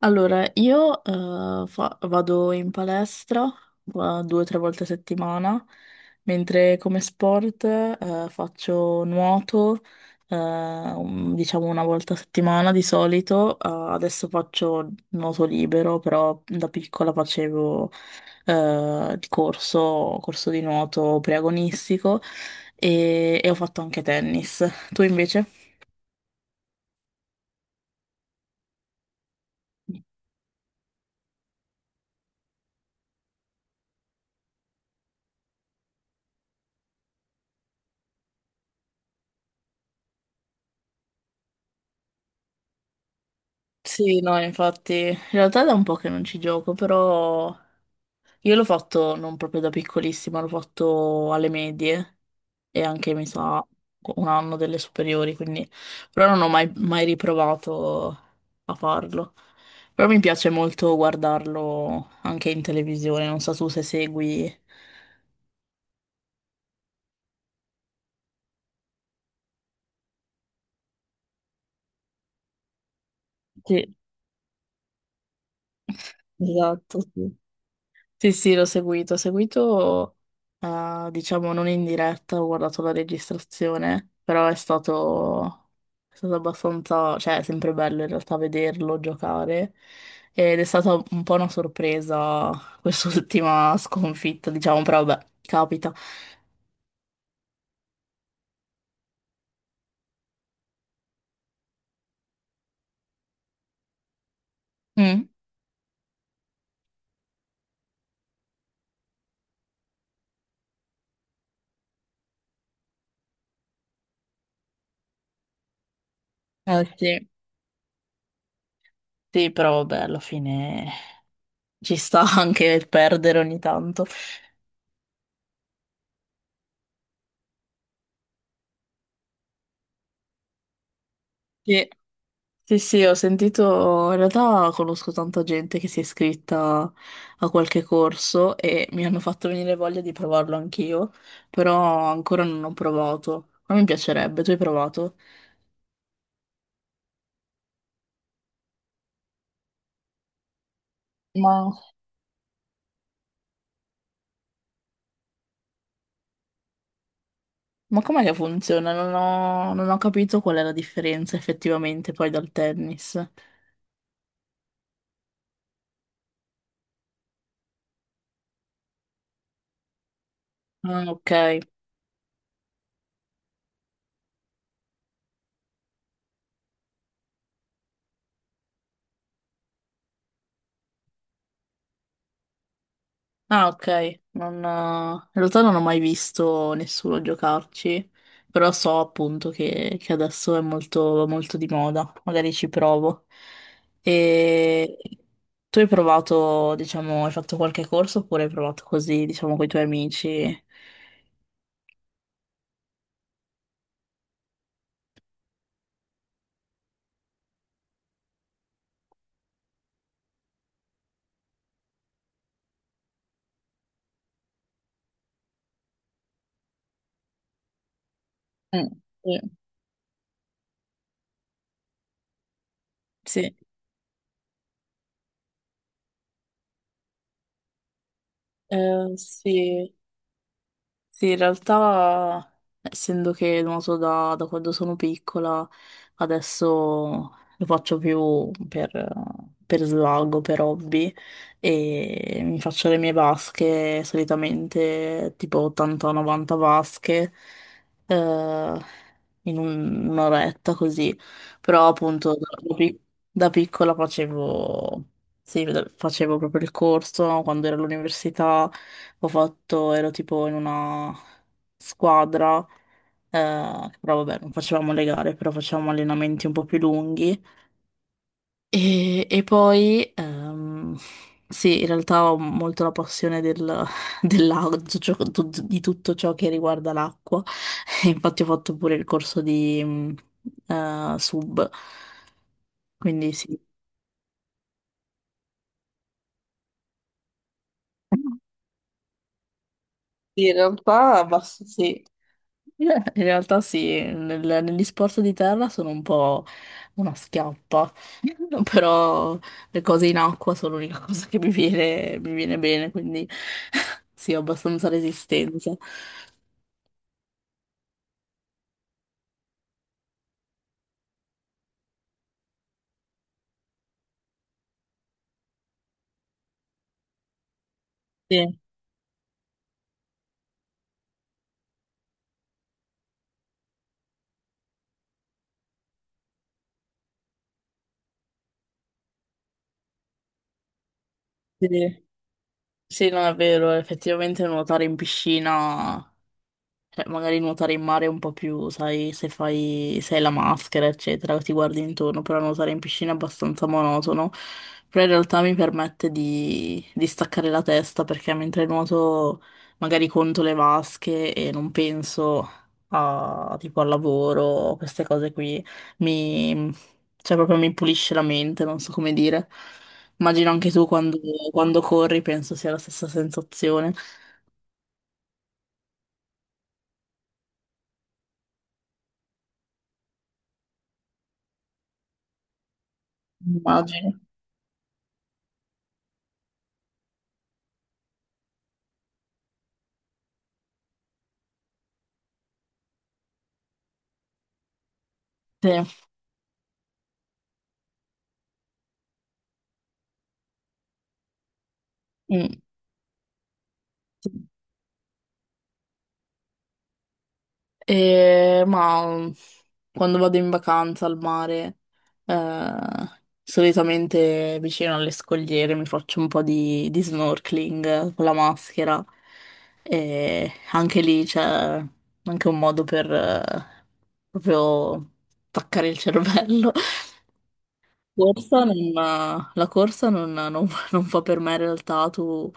Allora, io vado in palestra due o tre volte a settimana, mentre come sport faccio nuoto, diciamo una volta a settimana di solito. Adesso faccio nuoto libero, però da piccola facevo il corso di nuoto preagonistico e ho fatto anche tennis. Tu invece? Sì, no, infatti, in realtà è da un po' che non ci gioco, però io l'ho fatto non proprio da piccolissima, l'ho fatto alle medie e anche mi sa un anno delle superiori, quindi però non ho mai, mai riprovato a farlo. Però mi piace molto guardarlo anche in televisione, non so tu se segui. Sì, esatto, sì. Sì, sì, l'ho seguito. Ho seguito, diciamo, non in diretta, ho guardato la registrazione, però è è stato abbastanza, cioè, è sempre bello in realtà vederlo giocare. Ed è stata un po' una sorpresa quest'ultima sconfitta, diciamo, però vabbè, capita. Mm, sì, sì, però vabbè, alla fine ci sta anche perdere ogni tanto. Sì. Sì, sì, ho sentito, in realtà conosco tanta gente che si è iscritta a qualche corso e mi hanno fatto venire voglia di provarlo anch'io, però ancora non ho provato. Ma mi piacerebbe, tu hai provato? Ma, ma com'è che funziona? Non ho capito qual è la differenza effettivamente poi dal tennis. Ah, ok. Ah, ok. Non, in realtà non ho mai visto nessuno giocarci, però so appunto che adesso è molto di moda, magari ci provo. E tu hai provato, diciamo, hai fatto qualche corso oppure hai provato così, diciamo, con i tuoi amici? Mm, sì. Sì. Sì. Sì, in realtà, essendo che non so, da quando sono piccola, adesso lo faccio più per svago, per hobby, e mi faccio le mie vasche, solitamente tipo 80-90 vasche, eh, un'oretta così. Però appunto da piccola facevo, facevo proprio il corso quando ero all'università ho fatto, ero tipo in una squadra, però vabbè, non facevamo le gare, però facevamo allenamenti un po' più lunghi. E poi, sì, in realtà ho molto la passione del, dell'acqua, di ciò- di tutto ciò che riguarda l'acqua. E infatti ho fatto pure il corso di sub, quindi sì. Sì, in realtà, basta, sì. In realtà sì, negli sport di terra sono un po' una schiappa, però le cose in acqua sono l'unica cosa che mi viene bene, quindi sì, ho abbastanza resistenza. Sì, sì, sì, non è vero, effettivamente nuotare in piscina, cioè, magari nuotare in mare è un po' più, sai, se fai, se hai la maschera, eccetera, ti guardi intorno, però nuotare in piscina è abbastanza monotono. Però in realtà mi permette di staccare la testa perché mentre nuoto magari conto le vasche e non penso a, tipo, al lavoro, queste cose qui, mi, cioè proprio mi pulisce la mente, non so come dire. Immagino anche tu quando, quando corri, penso sia la stessa sensazione. Immagino. Sì. Mm. Ma quando vado in vacanza al mare, eh, solitamente vicino alle scogliere mi faccio un po' di snorkeling con la maschera e anche lì c'è anche un modo per proprio attaccare il cervello. Corsa non- la corsa non fa per me in realtà, tu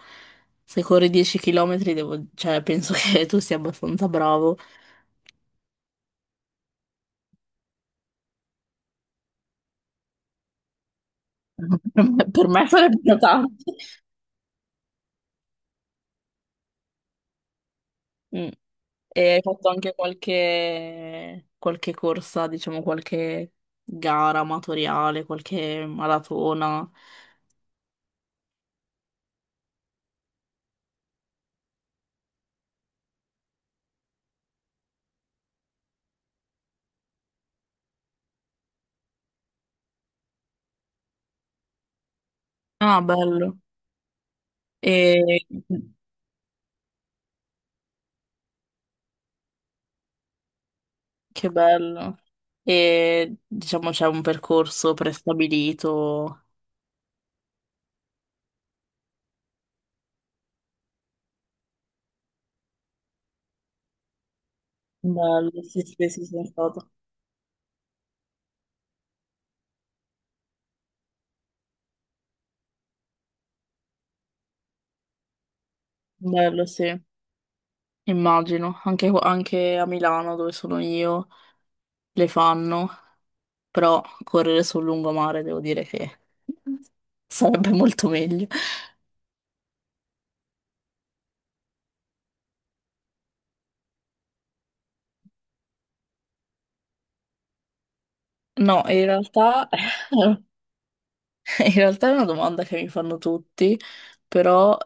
se corri 10 km cioè, penso che tu sia abbastanza bravo. Per me sarebbero tanti. Mm. E hai fatto anche qualche corsa, diciamo qualche gara amatoriale, qualche maratona. Ah, bello. E che bello. E diciamo c'è un percorso prestabilito. Bello, sì, sì, sì, sono stato. Bello, sì. Immagino, anche a Milano dove sono io le fanno però correre sul lungomare devo dire che sarebbe molto meglio. No, in realtà. In realtà è una domanda che mi fanno tutti, però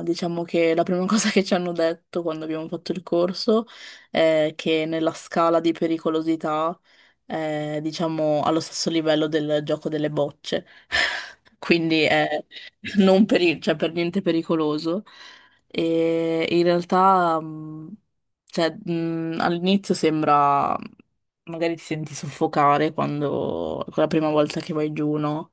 diciamo che la prima cosa che ci hanno detto quando abbiamo fatto il corso è che nella scala di pericolosità è, diciamo, allo stesso livello del gioco delle bocce, quindi è non peri- cioè, per niente pericoloso. E in realtà, all'inizio sembra magari ti senti soffocare quando, la prima volta che vai giù, no?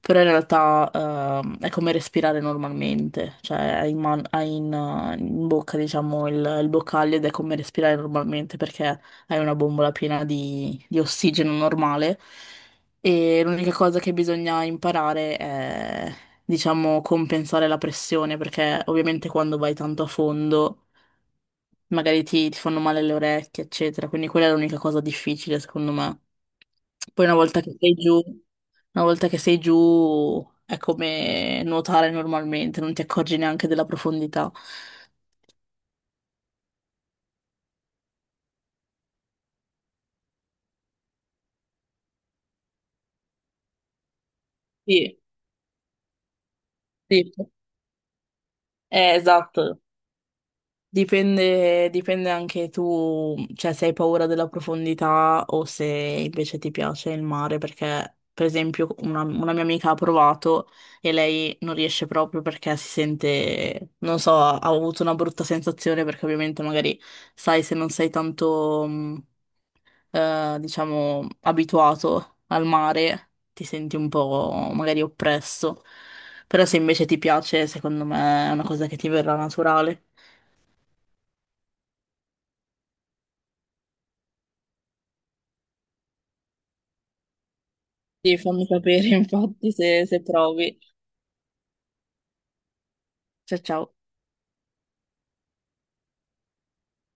Però in realtà è come respirare normalmente, cioè hai in bocca diciamo il boccaglio ed è come respirare normalmente perché hai una bombola piena di ossigeno normale e l'unica cosa che bisogna imparare è diciamo compensare la pressione perché ovviamente quando vai tanto a fondo magari ti fanno male le orecchie eccetera, quindi quella è l'unica cosa difficile secondo me. Poi una volta che sei giù, una volta che sei giù è come nuotare normalmente, non ti accorgi neanche della profondità. Sì, sì, esatto. Dipende, dipende anche tu, cioè se hai paura della profondità o se invece ti piace il mare, perché per esempio una mia amica ha provato e lei non riesce proprio perché si sente, non so, ha avuto una brutta sensazione perché ovviamente magari sai se non sei tanto... diciamo, abituato al mare, ti senti un po' magari oppresso. Però se invece ti piace, secondo me è una cosa che ti verrà naturale. Sì, fammi sapere infatti se provi. Ciao ciao.